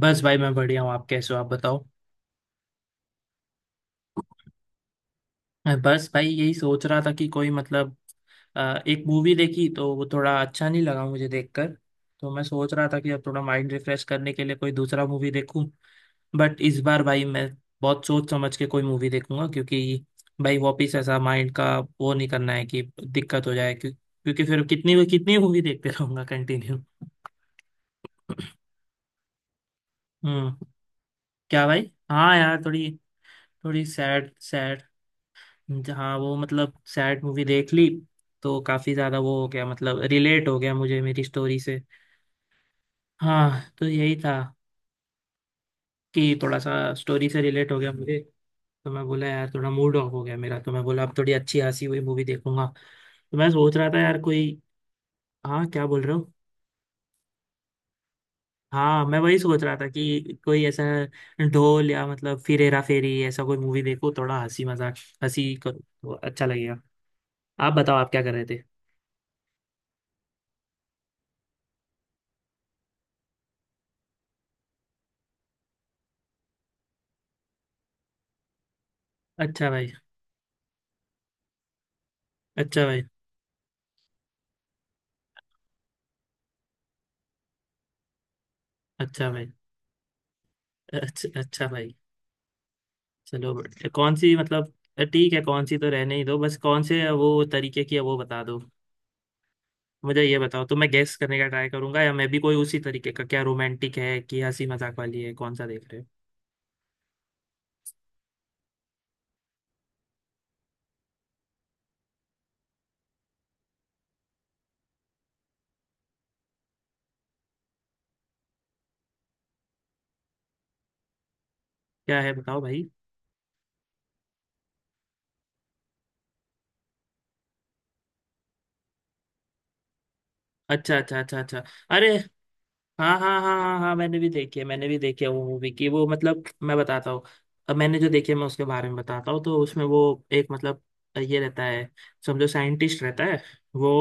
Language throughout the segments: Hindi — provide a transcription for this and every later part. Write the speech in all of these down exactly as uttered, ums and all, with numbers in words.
बस भाई मैं बढ़िया हूँ। आप कैसे हो? आप बताओ। बस भाई यही सोच रहा था कि कोई मतलब अ, एक मूवी देखी तो वो थोड़ा अच्छा नहीं लगा मुझे देखकर। तो मैं सोच रहा था कि अब थोड़ा माइंड रिफ्रेश करने के लिए कोई दूसरा मूवी देखूं। बट इस बार भाई मैं बहुत सोच समझ के कोई मूवी देखूंगा, क्योंकि भाई वापिस ऐसा माइंड का वो नहीं करना है कि दिक्कत हो जाए क्यों, क्योंकि फिर कितनी कितनी मूवी देखते रहूंगा कंटिन्यू। हम्म। क्या भाई, हाँ यार थोड़ी। थोड़ी सैड। जहाँ वो मतलब सैड मूवी देख ली तो काफी ज्यादा वो हो गया, मतलब रिलेट हो गया मुझे मेरी स्टोरी से। हाँ तो यही था कि थोड़ा सा स्टोरी से रिलेट हो गया मुझे। तो मैं बोला यार थोड़ा मूड ऑफ हो गया मेरा, तो मैं बोला अब थोड़ी अच्छी हंसी हुई मूवी देखूंगा। तो मैं सोच रहा था यार कोई। हाँ, क्या बोल रहे हो? हाँ मैं वही सोच रहा था कि कोई ऐसा ढोल या मतलब फिर हेरा फेरी, ऐसा कोई मूवी देखो थोड़ा हंसी मजाक। हंसी करो तो अच्छा लगेगा। आप बताओ आप क्या कर रहे थे? अच्छा भाई। अच्छा भाई। अच्छा भाई। अच्छा अच्छा भाई। चलो बढ़िया। कौन सी मतलब ठीक है, कौन सी तो रहने ही दो, बस कौन से वो तरीके की है वो बता दो। मुझे ये बताओ तो मैं गेस करने का ट्राई करूंगा, या मैं भी कोई उसी तरीके का, क्या रोमांटिक है कि हंसी मजाक वाली है, कौन सा देख रहे हो? क्या है बताओ भाई। अच्छा अच्छा अच्छा अच्छा। अरे हाँ हाँ हाँ हाँ हाँ, मैंने भी देखी है, मैंने भी देखी है वो मूवी की वो, मतलब मैं बताता हूँ। अब मैंने जो देखी है मैं उसके बारे में बताता हूँ, तो उसमें वो एक मतलब ये रहता है, समझो साइंटिस्ट रहता है। वो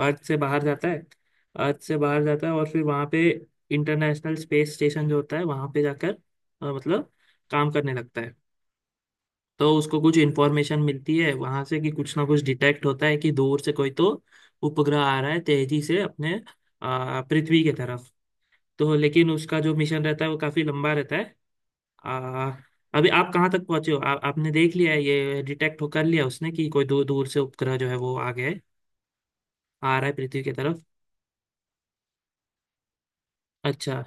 अर्थ से बाहर जाता है। अर्थ से बाहर जाता है और फिर वहाँ पे इंटरनेशनल स्पेस स्टेशन जो होता है वहाँ पे जाकर अ, मतलब काम करने लगता है। तो उसको कुछ इन्फॉर्मेशन मिलती है वहाँ से कि कुछ ना कुछ डिटेक्ट होता है कि दूर से कोई तो उपग्रह आ रहा है तेजी से अपने अ, पृथ्वी की तरफ। तो लेकिन उसका जो मिशन रहता है वो काफी लंबा रहता है। आ, अभी आप कहाँ तक पहुंचे हो? आ, आपने देख लिया है ये डिटेक्ट हो कर लिया उसने कि कोई दूर दूर से उपग्रह जो है वो आ गया है, आ रहा है पृथ्वी की तरफ। अच्छा।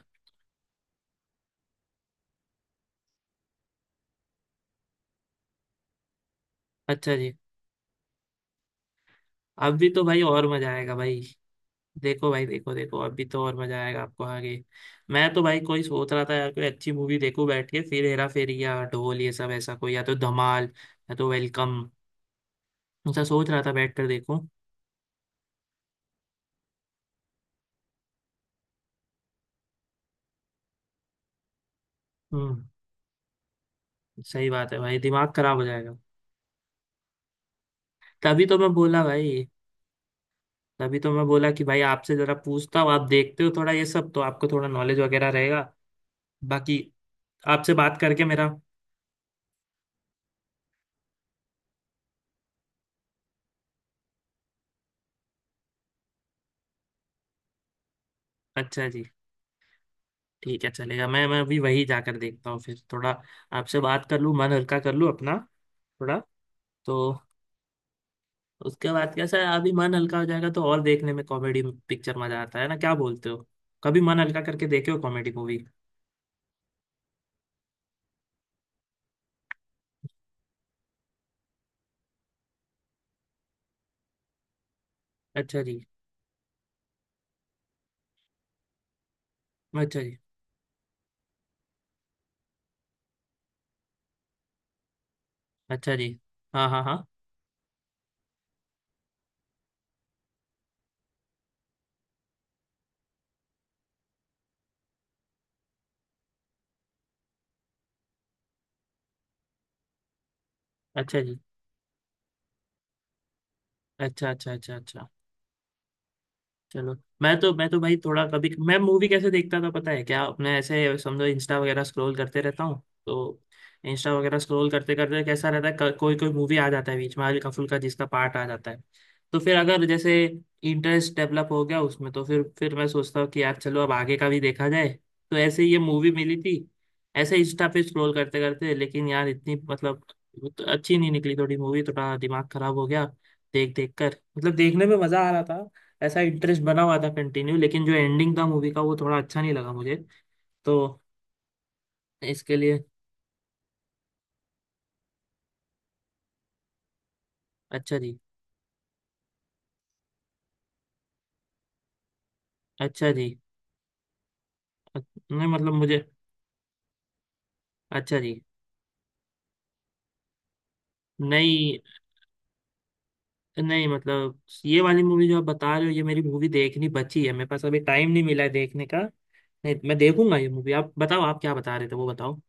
अच्छा जी। अभी तो भाई और मजा आएगा भाई। देखो भाई, देखो देखो अभी तो और मजा आएगा आपको आगे। मैं तो भाई कोई सोच रहा था यार, कोई अच्छी मूवी देखूं बैठ के, फिर हेरा फेरी या ढोल, ये सब ऐसा कोई, या तो धमाल या तो वेलकम, ऐसा सोच रहा था बैठ कर देखूं। हम्म, सही बात है भाई दिमाग खराब हो जाएगा। तभी तो मैं बोला भाई, तभी तो मैं बोला कि भाई आपसे जरा पूछता हूँ, आप देखते हो थोड़ा ये सब तो आपको थोड़ा नॉलेज वगैरह रहेगा। बाकी आपसे बात करके मेरा अच्छा जी। ठीक है चलेगा, मैं मैं अभी वही जाकर देखता हूँ फिर थोड़ा आपसे बात कर लूँ, मन हल्का कर लूँ अपना थोड़ा। तो उसके बाद कैसा है अभी मन हल्का हो जाएगा तो और देखने में कॉमेडी पिक्चर मजा आता है ना, क्या बोलते हो? कभी मन हल्का करके देखे हो कॉमेडी मूवी? अच्छा जी। अच्छा जी। अच्छा जी। हाँ हाँ हाँ। अच्छा जी। अच्छा अच्छा अच्छा अच्छा। चलो। मैं तो मैं तो भाई थोड़ा, कभी मैं मूवी कैसे देखता था पता है क्या, अपने ऐसे समझो इंस्टा वगैरह स्क्रॉल करते रहता हूँ तो इंस्टा वगैरह स्क्रॉल करते करते कैसा रहता है क- कोई कोई मूवी आ जाता है बीच में हल्का फुल्का, जिसका पार्ट आ जाता है। तो फिर अगर जैसे इंटरेस्ट डेवलप हो गया उसमें तो फिर फिर मैं सोचता हूँ कि यार चलो अब आगे का भी देखा जाए। तो ऐसे ही ये मूवी मिली थी, ऐसे इंस्टा पे स्क्रॉल करते करते, लेकिन यार इतनी मतलब तो अच्छी नहीं निकली थोड़ी मूवी, थोड़ा दिमाग खराब हो गया देख देख कर। मतलब देखने में मजा आ रहा था, ऐसा इंटरेस्ट बना हुआ था कंटिन्यू, लेकिन जो एंडिंग था मूवी का वो थोड़ा अच्छा नहीं लगा मुझे। तो इसके लिए अच्छा जी। अच्छा जी। अ- नहीं मतलब मुझे अच्छा जी। नहीं नहीं मतलब ये वाली मूवी जो आप बता रहे हो, ये मेरी मूवी देखनी बची है, मेरे पास अभी टाइम नहीं मिला है देखने का। नहीं मैं देखूंगा ये मूवी, आप बताओ आप क्या बता रहे थे वो बताओ।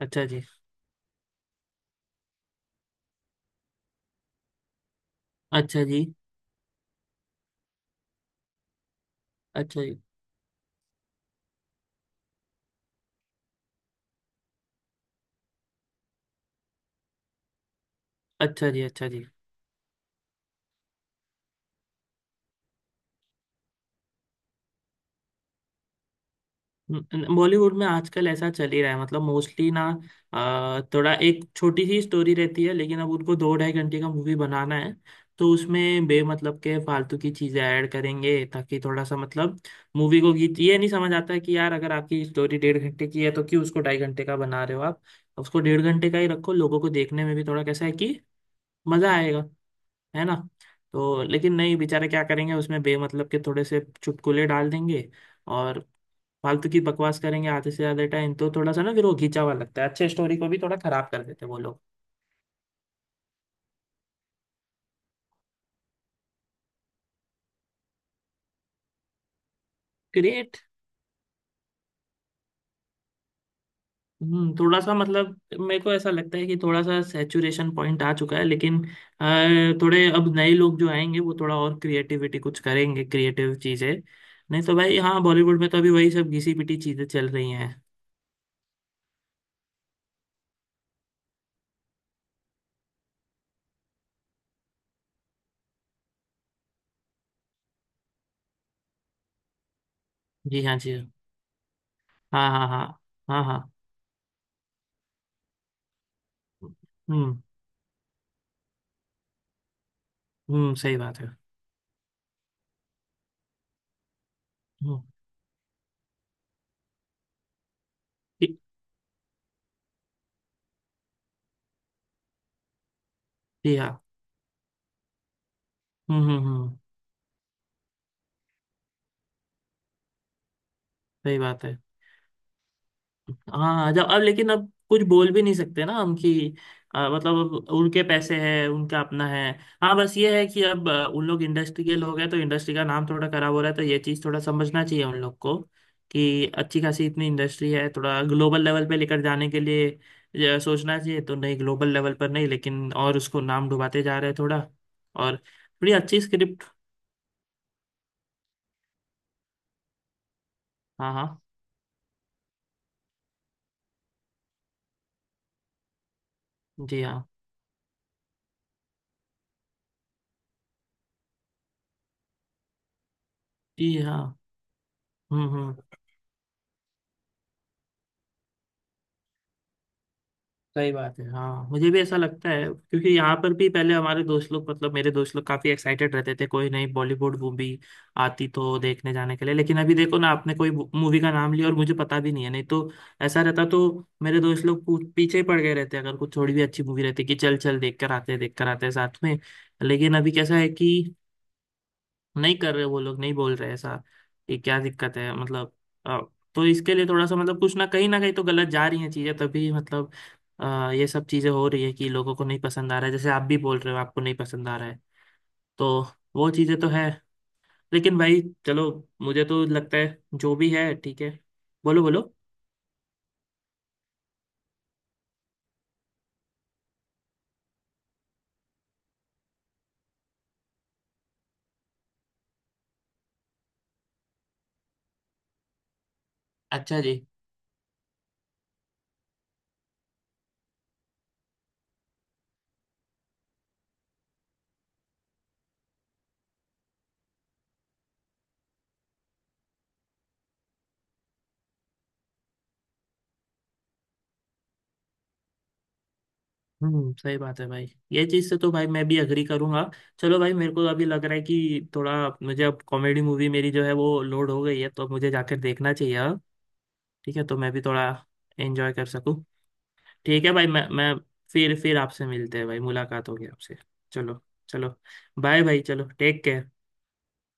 अच्छा जी। अच्छा जी। अच्छा जी। अच्छा जी। अच्छा जी। बॉलीवुड में आजकल ऐसा चल ही रहा है मतलब, मोस्टली ना अ, थोड़ा एक छोटी सी स्टोरी रहती है लेकिन अब उनको दो ढाई घंटे का मूवी बनाना है। तो उसमें बेमतलब के फालतू की चीजें ऐड करेंगे ताकि थोड़ा सा मतलब मूवी को गीत, ये नहीं समझ आता है कि यार अगर आपकी स्टोरी डेढ़ घंटे की है तो क्यों उसको ढाई घंटे का बना रहे हो आप? उसको डेढ़ घंटे का ही रखो, लोगों को देखने में भी थोड़ा कैसा है कि मजा आएगा, है ना? तो लेकिन नहीं, बेचारे क्या करेंगे, उसमें बेमतलब के थोड़े से चुटकुले डाल देंगे और फालतू की बकवास करेंगे आधे से ज्यादा टाइम, तो थोड़ा सा ना फिर वो घिंचा हुआ लगता है, अच्छे स्टोरी को भी थोड़ा खराब कर देते हैं वो लोग। क्रिएट, हम्म, थोड़ा सा मतलब मेरे को ऐसा लगता है कि थोड़ा सा सैचुरेशन पॉइंट आ चुका है, लेकिन अ, थोड़े अब नए लोग जो आएंगे वो थोड़ा और क्रिएटिविटी कुछ करेंगे, क्रिएटिव चीजें। नहीं तो भाई हाँ, बॉलीवुड में तो अभी वही सब घिसी पिटी चीजें चल रही हैं। जी हाँ। जी हाँ। हाँ हाँ हाँ हाँ हाँ। हम्म हम्म, सही बात है। हम्म। ठीक। ठीक है। हम्म हम्म हम्म। सही बात है। हाँ जब अब लेकिन अब कुछ बोल भी नहीं सकते ना हम कि आ, मतलब अब उनके पैसे हैं उनका अपना है। हाँ बस ये है कि अब आ, उन लोग इंडस्ट्री के लोग हैं तो इंडस्ट्री का नाम थोड़ा खराब हो रहा है, तो ये चीज़ थोड़ा समझना चाहिए उन लोग को कि अच्छी खासी इतनी इंडस्ट्री है थोड़ा ग्लोबल लेवल पे लेकर जाने के लिए, ये सोचना चाहिए, तो नहीं ग्लोबल लेवल पर नहीं लेकिन और उसको नाम डुबाते जा रहे हैं थोड़ा। और बड़ी अच्छी स्क्रिप्ट हाँ हाँ। जी हाँ। जी हाँ। हम्म हम्म, सही बात है। हाँ मुझे भी ऐसा लगता है क्योंकि यहाँ पर भी पहले हमारे दोस्त लोग, मतलब मेरे दोस्त लोग काफी एक्साइटेड रहते थे, कोई नई बॉलीवुड मूवी आती तो देखने जाने के लिए, लेकिन अभी देखो ना आपने कोई मूवी का नाम लिया और मुझे पता भी नहीं है। नहीं तो ऐसा रहता तो मेरे दोस्त लोग पू- पीछे ही पड़ गए रहते अगर कुछ थोड़ी भी अच्छी मूवी रहती कि चल चल देख कर आते हैं, देख कर आते हैं साथ में। लेकिन अभी कैसा है कि नहीं कर रहे वो लोग, नहीं बोल रहे ऐसा। ये क्या दिक्कत है मतलब? अ, तो इसके लिए थोड़ा सा मतलब कुछ ना, कहीं ना कहीं तो गलत जा रही हैं चीजें, तभी मतलब अ, ये सब चीजें हो रही है कि लोगों को नहीं पसंद आ रहा है, जैसे आप भी बोल रहे हो आपको नहीं पसंद आ रहा है। तो वो चीजें तो है, लेकिन भाई चलो मुझे तो लगता है जो भी है ठीक है। बोलो बोलो। अच्छा जी। हम्म, सही बात है भाई। ये चीज से तो भाई मैं भी अग्री करूंगा। चलो भाई, मेरे को अभी लग रहा है कि थोड़ा, मुझे अब कॉमेडी मूवी मेरी जो है वो लोड हो गई है, तो अब मुझे जाकर देखना चाहिए अब। ठीक है तो मैं भी थोड़ा एंजॉय कर सकूं। ठीक है भाई, मैं मैं फिर फिर आपसे मिलते हैं भाई, मुलाकात होगी आपसे। चलो। चलो। बाय भाई, चलो टेक केयर।